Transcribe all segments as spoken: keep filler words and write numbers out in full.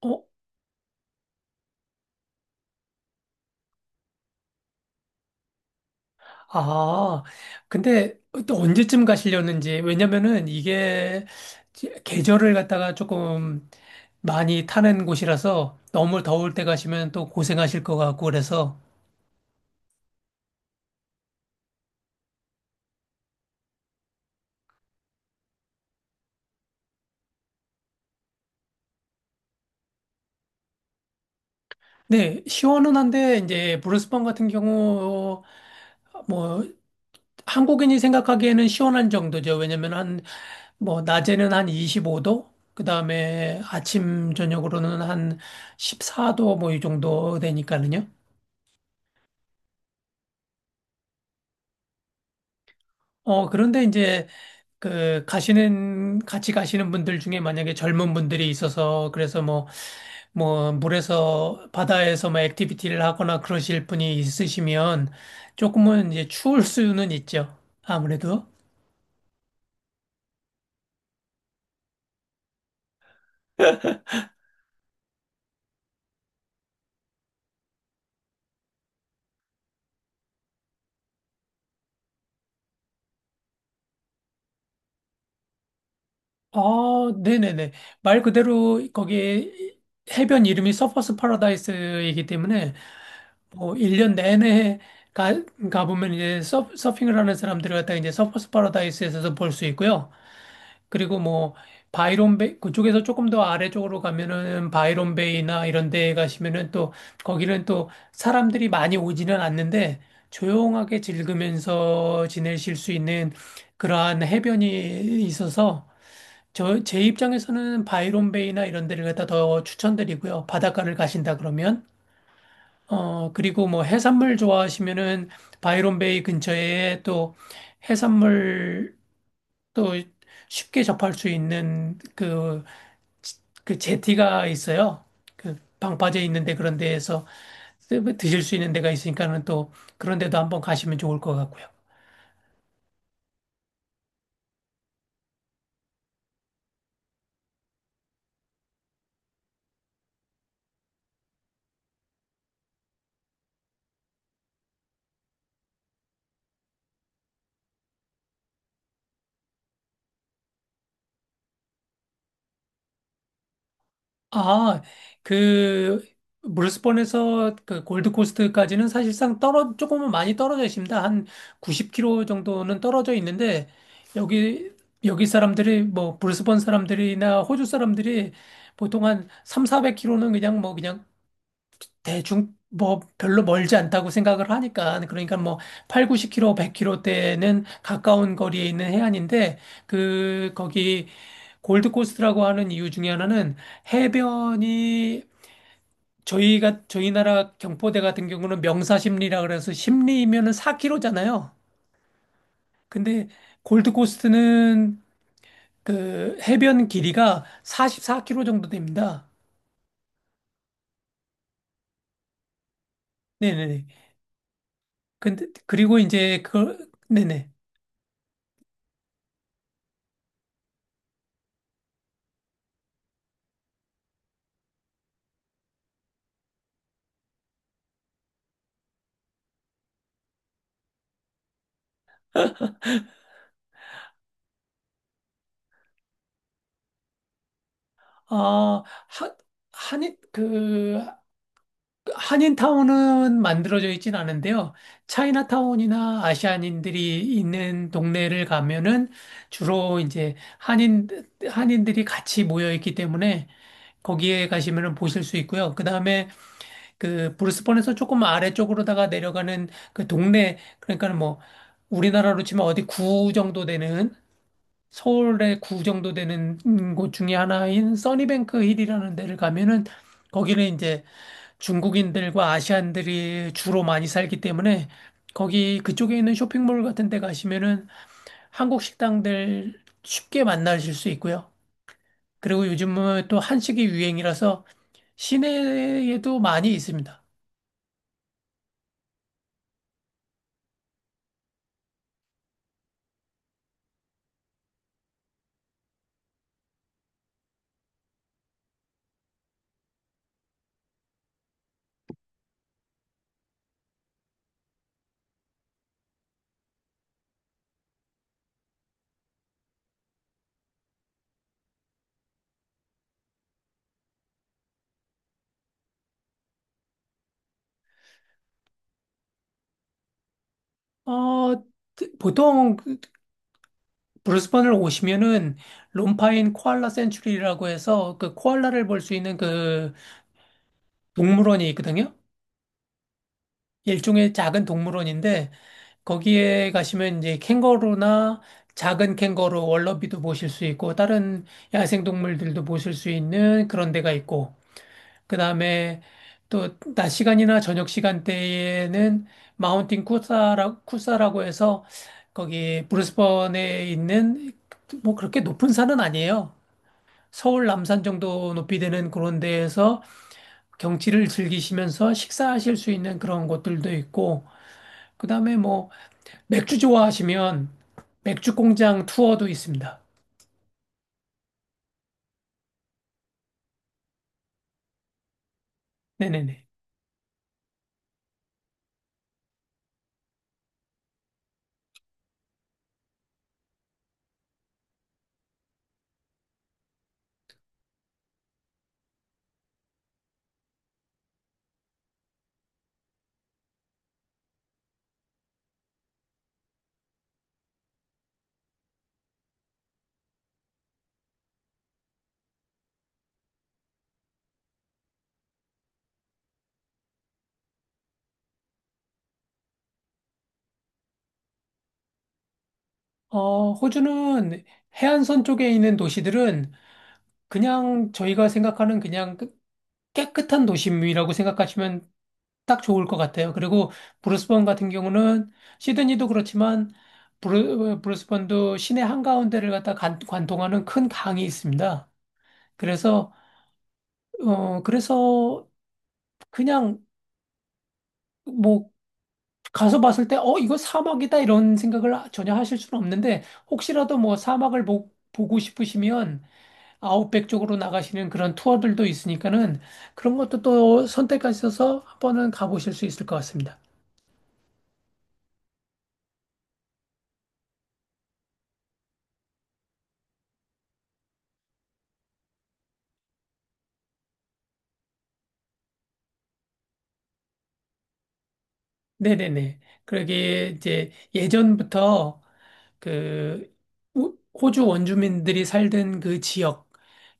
어, 아, 근데 또 언제쯤 가시려는지. 왜냐면은 이게 지- 계절을 갖다가 조금 많이 타는 곳이라서 너무 더울 때 가시면 또 고생하실 것 같고 그래서. 네, 시원은 한데 이제 브루스번 같은 경우 뭐 한국인이 생각하기에는 시원한 정도죠. 왜냐면 한 뭐 낮에는 한 이십오 도, 그다음에 아침 저녁으로는 한 십사 도 뭐 이 정도 되니까는요. 어, 그런데 이제 그 가시는 같이 가시는 분들 중에 만약에 젊은 분들이 있어서 그래서 뭐 뭐 물에서 바다에서 뭐 액티비티를 하거나 그러실 분이 있으시면 조금은 이제 추울 수는 있죠. 아무래도. 아, 네네네. 말 그대로 거기 해변 이름이 서퍼스 파라다이스이기 때문에 뭐 일 년 내내 가, 가보면 이제 서, 서핑을 하는 사람들을 갖다가 이제 서퍼스 파라다이스에서도 볼 수 있고요. 그리고 뭐 바이론 베이 그쪽에서 조금 더 아래쪽으로 가면은 바이론 베이나 이런 데 가시면은 또 거기는 또 사람들이 많이 오지는 않는데 조용하게 즐기면서 지내실 수 있는 그러한 해변이 있어서 저 제 입장에서는 바이론 베이나 이런 데를 갖다 더 추천드리고요. 바닷가를 가신다 그러면 어 그리고 뭐 해산물 좋아하시면은 바이론 베이 근처에 또 해산물 또 쉽게 접할 수 있는 그, 그 제티가 있어요. 그 방파제 있는데 그런 데에서 드실 수 있는 데가 있으니까는 또 그런 데도 한번 가시면 좋을 것 같고요. 아, 그 브리스번에서 그 골드코스트까지는 사실상 떨어 조금은 많이 떨어져 있습니다. 한 구십 킬로미터 정도는 떨어져 있는데 여기 여기 사람들이 뭐 브리스번 사람들이나 호주 사람들이 보통 한 삼백, 사백 킬로미터는 그냥 뭐 그냥 대중 뭐 별로 멀지 않다고 생각을 하니까 그러니까 뭐 팔십, 구십 킬로미터, 백 킬로미터대는 가까운 거리에 있는 해안인데 그 거기 골드코스트라고 하는 이유 중에 하나는 해변이 저희가 저희 나라 경포대 같은 경우는 명사십리라 그래서 십리이면은 사 킬로미터잖아요. 근데 골드코스트는 그 해변 길이가 사십사 킬로미터 정도 됩니다. 네네네. 근데 그리고 이제 그 네네. 아, 하, 한인, 그, 한인타운은 만들어져 있진 않은데요. 차이나타운이나 아시안인들이 있는 동네를 가면은 주로 이제 한인, 한인들이 같이 모여 있기 때문에 거기에 가시면은 보실 수 있고요. 그 다음에 그 브루스번에서 조금 아래쪽으로다가 내려가는 그 동네, 그러니까 뭐 우리나라로 치면 어디 구 정도 되는 서울의 구 정도 되는 곳 중에 하나인 써니뱅크 힐이라는 데를 가면은 거기는 이제 중국인들과 아시안들이 주로 많이 살기 때문에 거기 그쪽에 있는 쇼핑몰 같은 데 가시면은 한국 식당들 쉽게 만나실 수 있고요. 그리고 요즘은 또 한식이 유행이라서 시내에도 많이 있습니다. 어, 보통 그 브리스번을 오시면은 롬파인 코알라 센츄리라고 해서 그 코알라를 볼 수 있는 그 동물원이 있거든요. 일종의 작은 동물원인데 거기에 가시면 이제 캥거루나 작은 캥거루, 월러비도 보실 수 있고 다른 야생 동물들도 보실 수 있는 그런 데가 있고 그다음에 또 낮 시간이나 저녁 시간대에는 마운틴 쿠사라, 쿠사라고 해서 거기 브리스번에 있는 뭐 그렇게 높은 산은 아니에요. 서울 남산 정도 높이 되는 그런 데에서 경치를 즐기시면서 식사하실 수 있는 그런 곳들도 있고, 그다음에 뭐 맥주 좋아하시면 맥주 공장 투어도 있습니다. 네네네. 어, 호주는 해안선 쪽에 있는 도시들은 그냥 저희가 생각하는 그냥 깨- 깨끗한 도심이라고 생각하시면 딱 좋을 것 같아요. 그리고 브루스번 같은 경우는 시드니도 그렇지만 브루, 브루스번도 시내 한가운데를 갖다 관, 관통하는 큰 강이 있습니다. 그래서 어 그래서 그냥 뭐 가서 봤을 때, 어, 이거 사막이다 이런 생각을 전혀 하실 수는 없는데, 혹시라도 뭐 사막을 보, 보고 싶으시면 아웃백 쪽으로 나가시는 그런 투어들도 있으니까는 그런 것도 또 선택하셔서 한 번은 가보실 수 있을 것 같습니다. 네네네. 그러게 이제 예전부터 그 우- 호주 원주민들이 살던 그 지역,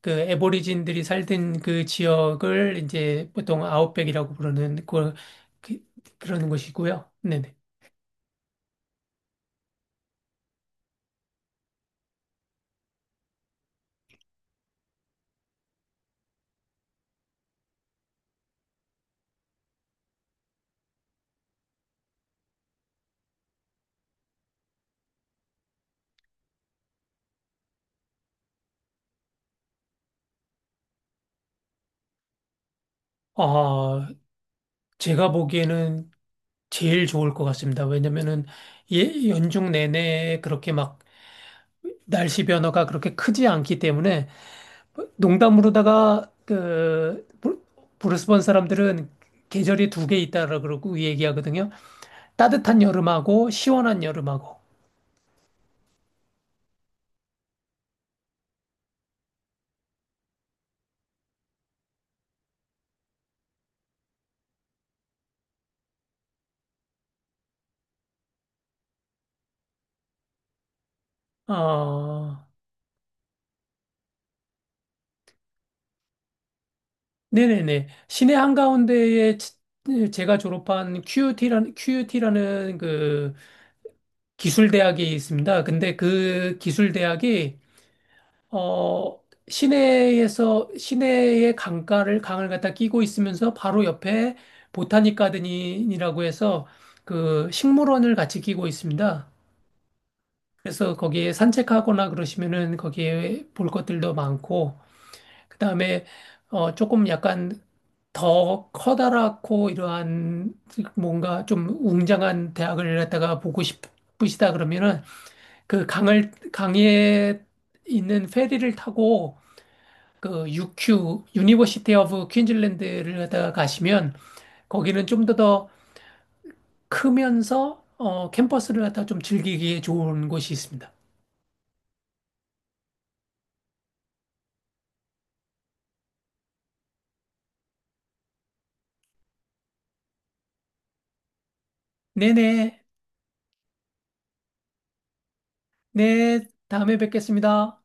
그 애보리진들이 살던 그 지역을 이제 보통 아웃백이라고 부르는 그걸 그, 그러는 것이고요. 네네. 아, 제가 보기에는 제일 좋을 것 같습니다. 왜냐면은 예, 연중 내내 그렇게 막 날씨 변화가 그렇게 크지 않기 때문에 농담으로다가 그 브루- 브루스번 사람들은 계절이 두 개 있다라 그러고 얘기하거든요. 따뜻한 여름하고 시원한 여름하고. 어, 네네네. 시내 한가운데에 지- 제가 졸업한 큐유티라는, 큐 u 라는 그 기술대학이 있습니다. 근데 그 기술대학이, 어, 시내에서, 시내의 강가를, 강을 갖다 끼고 있으면서 바로 옆에 보타닉 가든이라고 해서 그 식물원을 같이 끼고 있습니다. 그래서 거기에 산책하거나 그러시면은 거기에 볼 것들도 많고, 그다음에 어 조금 약간 더 커다랗고 이러한 뭔가 좀 웅장한 대학을 갖다가 보고 싶으시다 그러면은 그 강을 강에 있는 페리를 타고 그 유큐 유니버시티 오브 퀸즐랜드를 갖다가 가시면 거기는 좀 더 더 크면서 어 캠퍼스를 갖다가 좀 즐기기에 좋은 곳이 있습니다. 네네. 네, 다음에 뵙겠습니다.